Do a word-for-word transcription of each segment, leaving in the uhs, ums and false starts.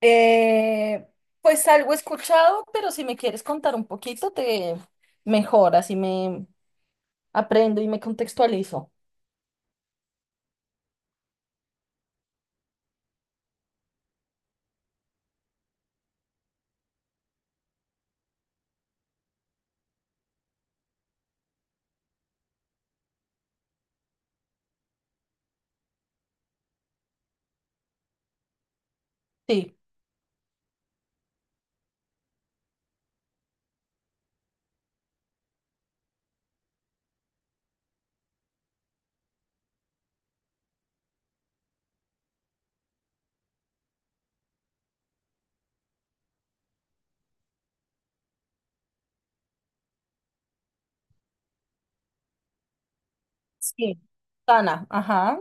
Eh, pues algo he escuchado, pero si me quieres contar un poquito, te mejor, así me aprendo y me contextualizo. Sí, sí. Sana, ajá,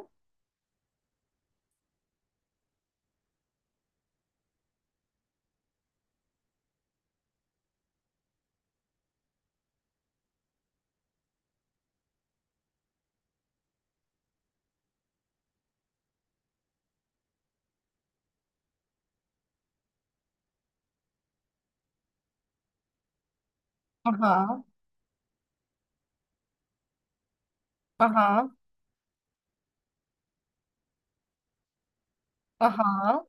ajá, ajá, ajá,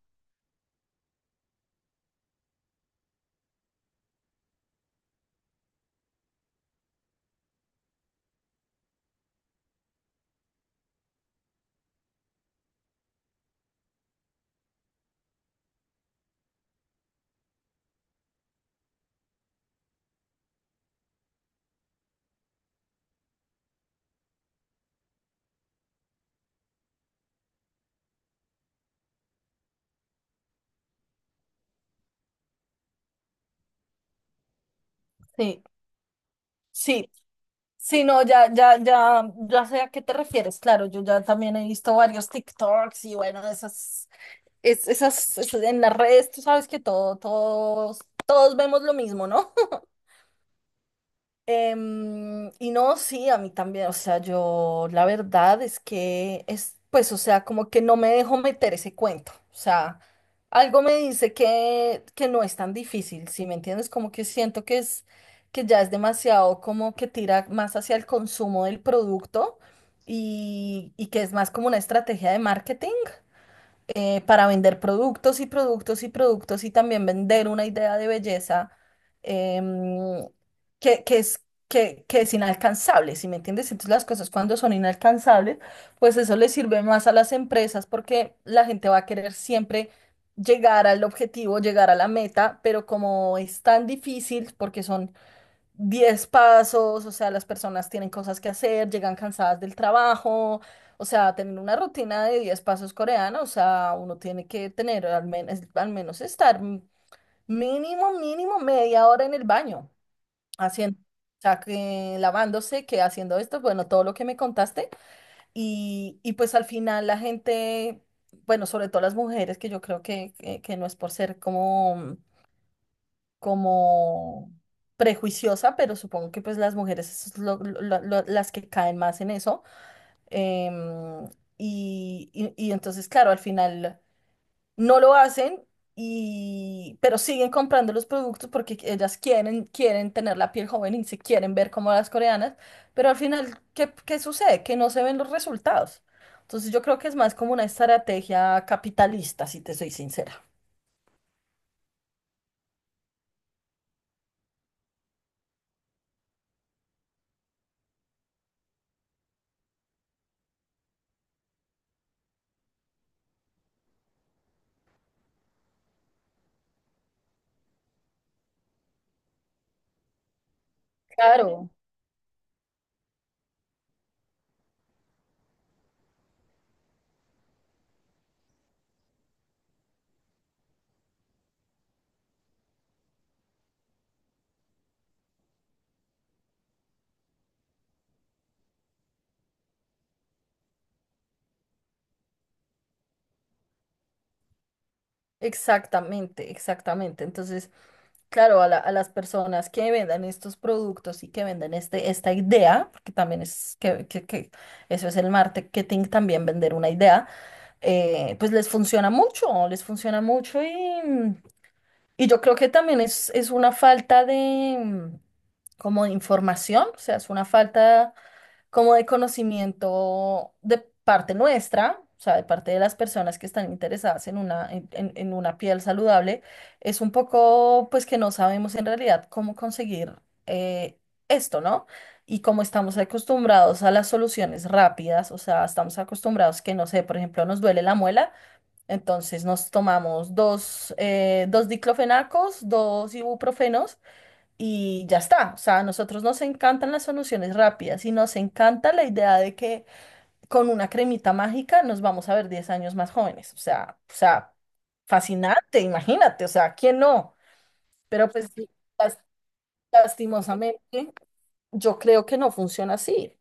sí, sí. Sí, no, ya, ya, ya, ya sé a qué te refieres, claro. Yo ya también he visto varios TikToks y bueno, esas, es- esas, esas- en las redes, tú sabes que todo, todos, todos vemos lo mismo, ¿no? Em, y no, sí, a mí también, o sea, yo la verdad es que es, pues, o sea, como que no me dejo meter ese cuento. O sea, algo me dice que, que no es tan difícil, ¿si me entiendes? Como que siento que es, que ya es demasiado, como que tira más hacia el consumo del producto, y, y que es más como una estrategia de marketing, eh, para vender productos y productos y productos, y también vender una idea de belleza, em, que, que es, que, que es inalcanzable, ¿si me entiendes? Entonces las cosas, cuando son inalcanzables, pues eso le sirve más a las empresas, porque la gente va a querer siempre llegar al objetivo, llegar a la meta, pero como es tan difícil porque son diez pasos, o sea, las personas tienen cosas que hacer, llegan cansadas del trabajo. O sea, tener una rutina de diez pasos coreana, o sea, uno tiene que tener al menos, al menos estar m- mínimo, mínimo media hora en el baño, haciendo, o sea, que lavándose, que haciendo esto, bueno, todo lo que me contaste. Y, y pues al final la gente. Bueno, sobre todo las mujeres, que yo creo que, que que no es por ser como, como prejuiciosa, pero supongo que pues las mujeres es lo- lo- lo- las que caen más en eso. em, y, y- y entonces, claro, al final no lo hacen. Y, pero siguen comprando los productos porque ellas quieren, quieren tener la piel joven y se quieren ver como las coreanas, pero al final, ¿qué, qué sucede? Que no se ven los resultados. Entonces yo creo que es más como una estrategia capitalista, si te soy sincera. Claro, exactamente, exactamente. Entonces, claro, a la- a las personas que vendan estos productos y que vendan este, esta idea, porque también es que, que- que eso es el marketing, también vender una idea. Eh, pues les funciona mucho, les funciona mucho, y, y yo creo que también es, es una falta de, mm, como de información. O sea, es una falta como de conocimiento de parte nuestra, o sea, de parte de las personas que están interesadas en una, en, en- en una piel saludable. Es un poco, pues, que no sabemos en realidad cómo conseguir, eh, esto, ¿no? Y como estamos acostumbrados a las soluciones rápidas, o sea, estamos acostumbrados que, no sé, por ejemplo, nos duele la muela, entonces nos tomamos dos, eh, dos diclofenacos, dos ibuprofenos, y ya está. O sea, a nosotros nos encantan las soluciones rápidas, y nos encanta la idea de que con una cremita mágica nos vamos a ver diez años más jóvenes. O sea, o sea, fascinante, imagínate, o sea, ¿quién no? Pero pues sí, las- lastimosamente yo creo que no funciona así.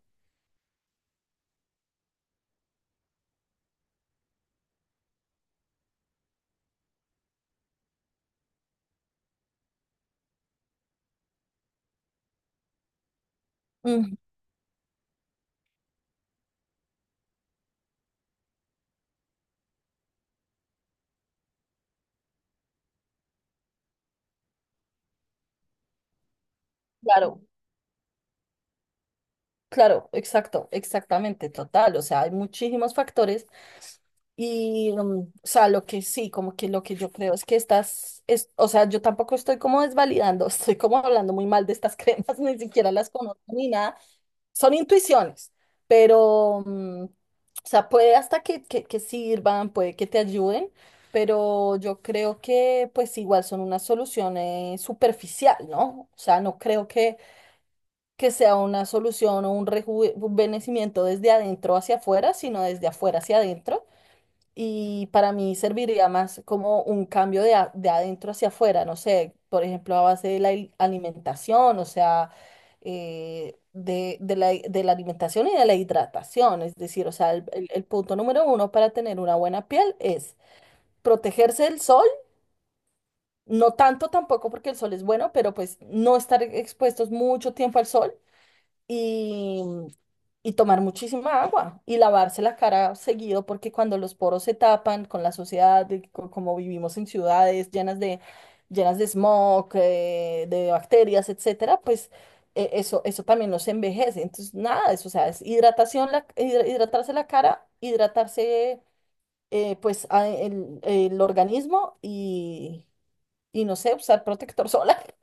Mm, claro. Claro, exacto, exactamente, total. O sea, hay muchísimos factores, y, mm, o sea, lo que sí, como que lo que yo creo es que estas, es, o sea, yo tampoco estoy como desvalidando, estoy como hablando muy mal de estas cremas, ni siquiera las conozco ni nada. Son intuiciones, pero, mm, o sea, puede hasta que, que, que sirvan, puede que te ayuden, pero yo creo que pues igual son una solución, eh, superficial, ¿no? O sea, no creo que que sea una solución o un rejuvenecimiento desde adentro hacia afuera, sino desde afuera hacia adentro. Y para mí serviría más como un cambio de, a- de adentro hacia afuera. No sé, por ejemplo, a base de la il- alimentación. O sea, eh, de, de la, de la alimentación y de la hidratación. Es decir, o sea, el, el- el punto número uno para tener una buena piel es protegerse del sol, no tanto tampoco porque el sol es bueno, pero pues no estar expuestos mucho tiempo al sol, y, y tomar muchísima agua y lavarse la cara seguido, porque cuando los poros se tapan con la sociedad, de co- como vivimos en ciudades llenas de, llenas de, smog, eh, de bacterias, etcétera, pues, eh, eso, eso también nos envejece. Entonces, nada, eso, o sea, es hidratación, la, hidra- hidratarse la cara, hidratarse, eh, pues a- el, el organismo, y, y no sé, usar protector solar.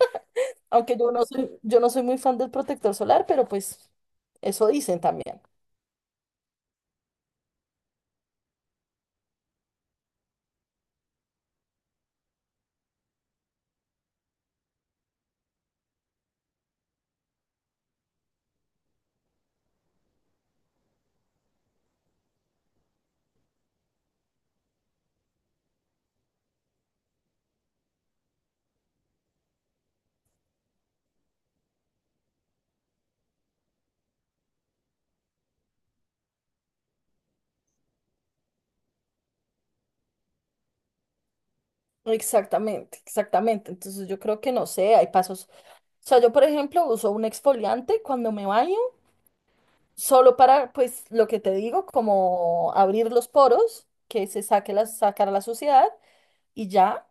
Aunque yo no soy, yo no soy muy fan del protector solar, pero pues eso dicen también. Exactamente, exactamente. Entonces yo creo que no sé, hay pasos. O sea, yo por ejemplo uso un exfoliante cuando me baño, solo para, pues, lo que te digo, como abrir los poros, que se saque la, sacar la suciedad, y ya.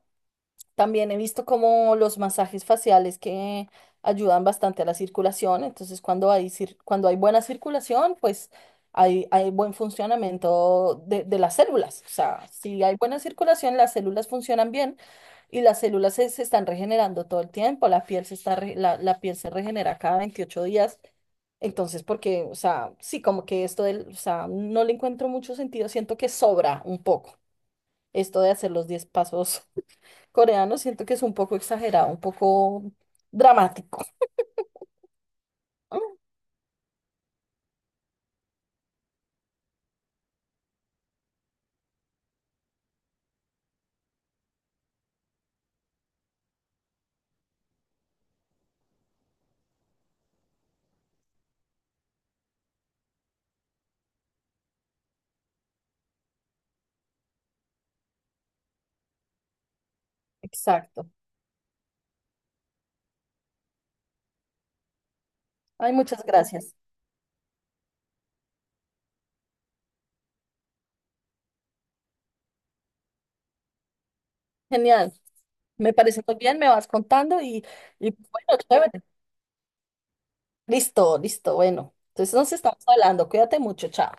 También he visto como los masajes faciales que ayudan bastante a la circulación. Entonces cuando hay, cir- cuando hay buena circulación, pues hay, hay buen funcionamiento de, de las células. O sea, si hay buena circulación, las células funcionan bien y las células se, se están regenerando todo el tiempo, la piel se está re- la, la piel se regenera cada veintiocho días. Entonces, porque, o sea, sí, como que esto del, o sea, no le encuentro mucho sentido, siento que sobra un poco esto de hacer los diez pasos coreano, siento que es un poco exagerado, un poco dramático. Mm. Exacto. Ay, muchas gracias. Genial. Me parece muy bien, me vas contando, y, y bueno, chévere. Listo, listo, bueno. Entonces nos estamos hablando. Cuídate mucho, chao.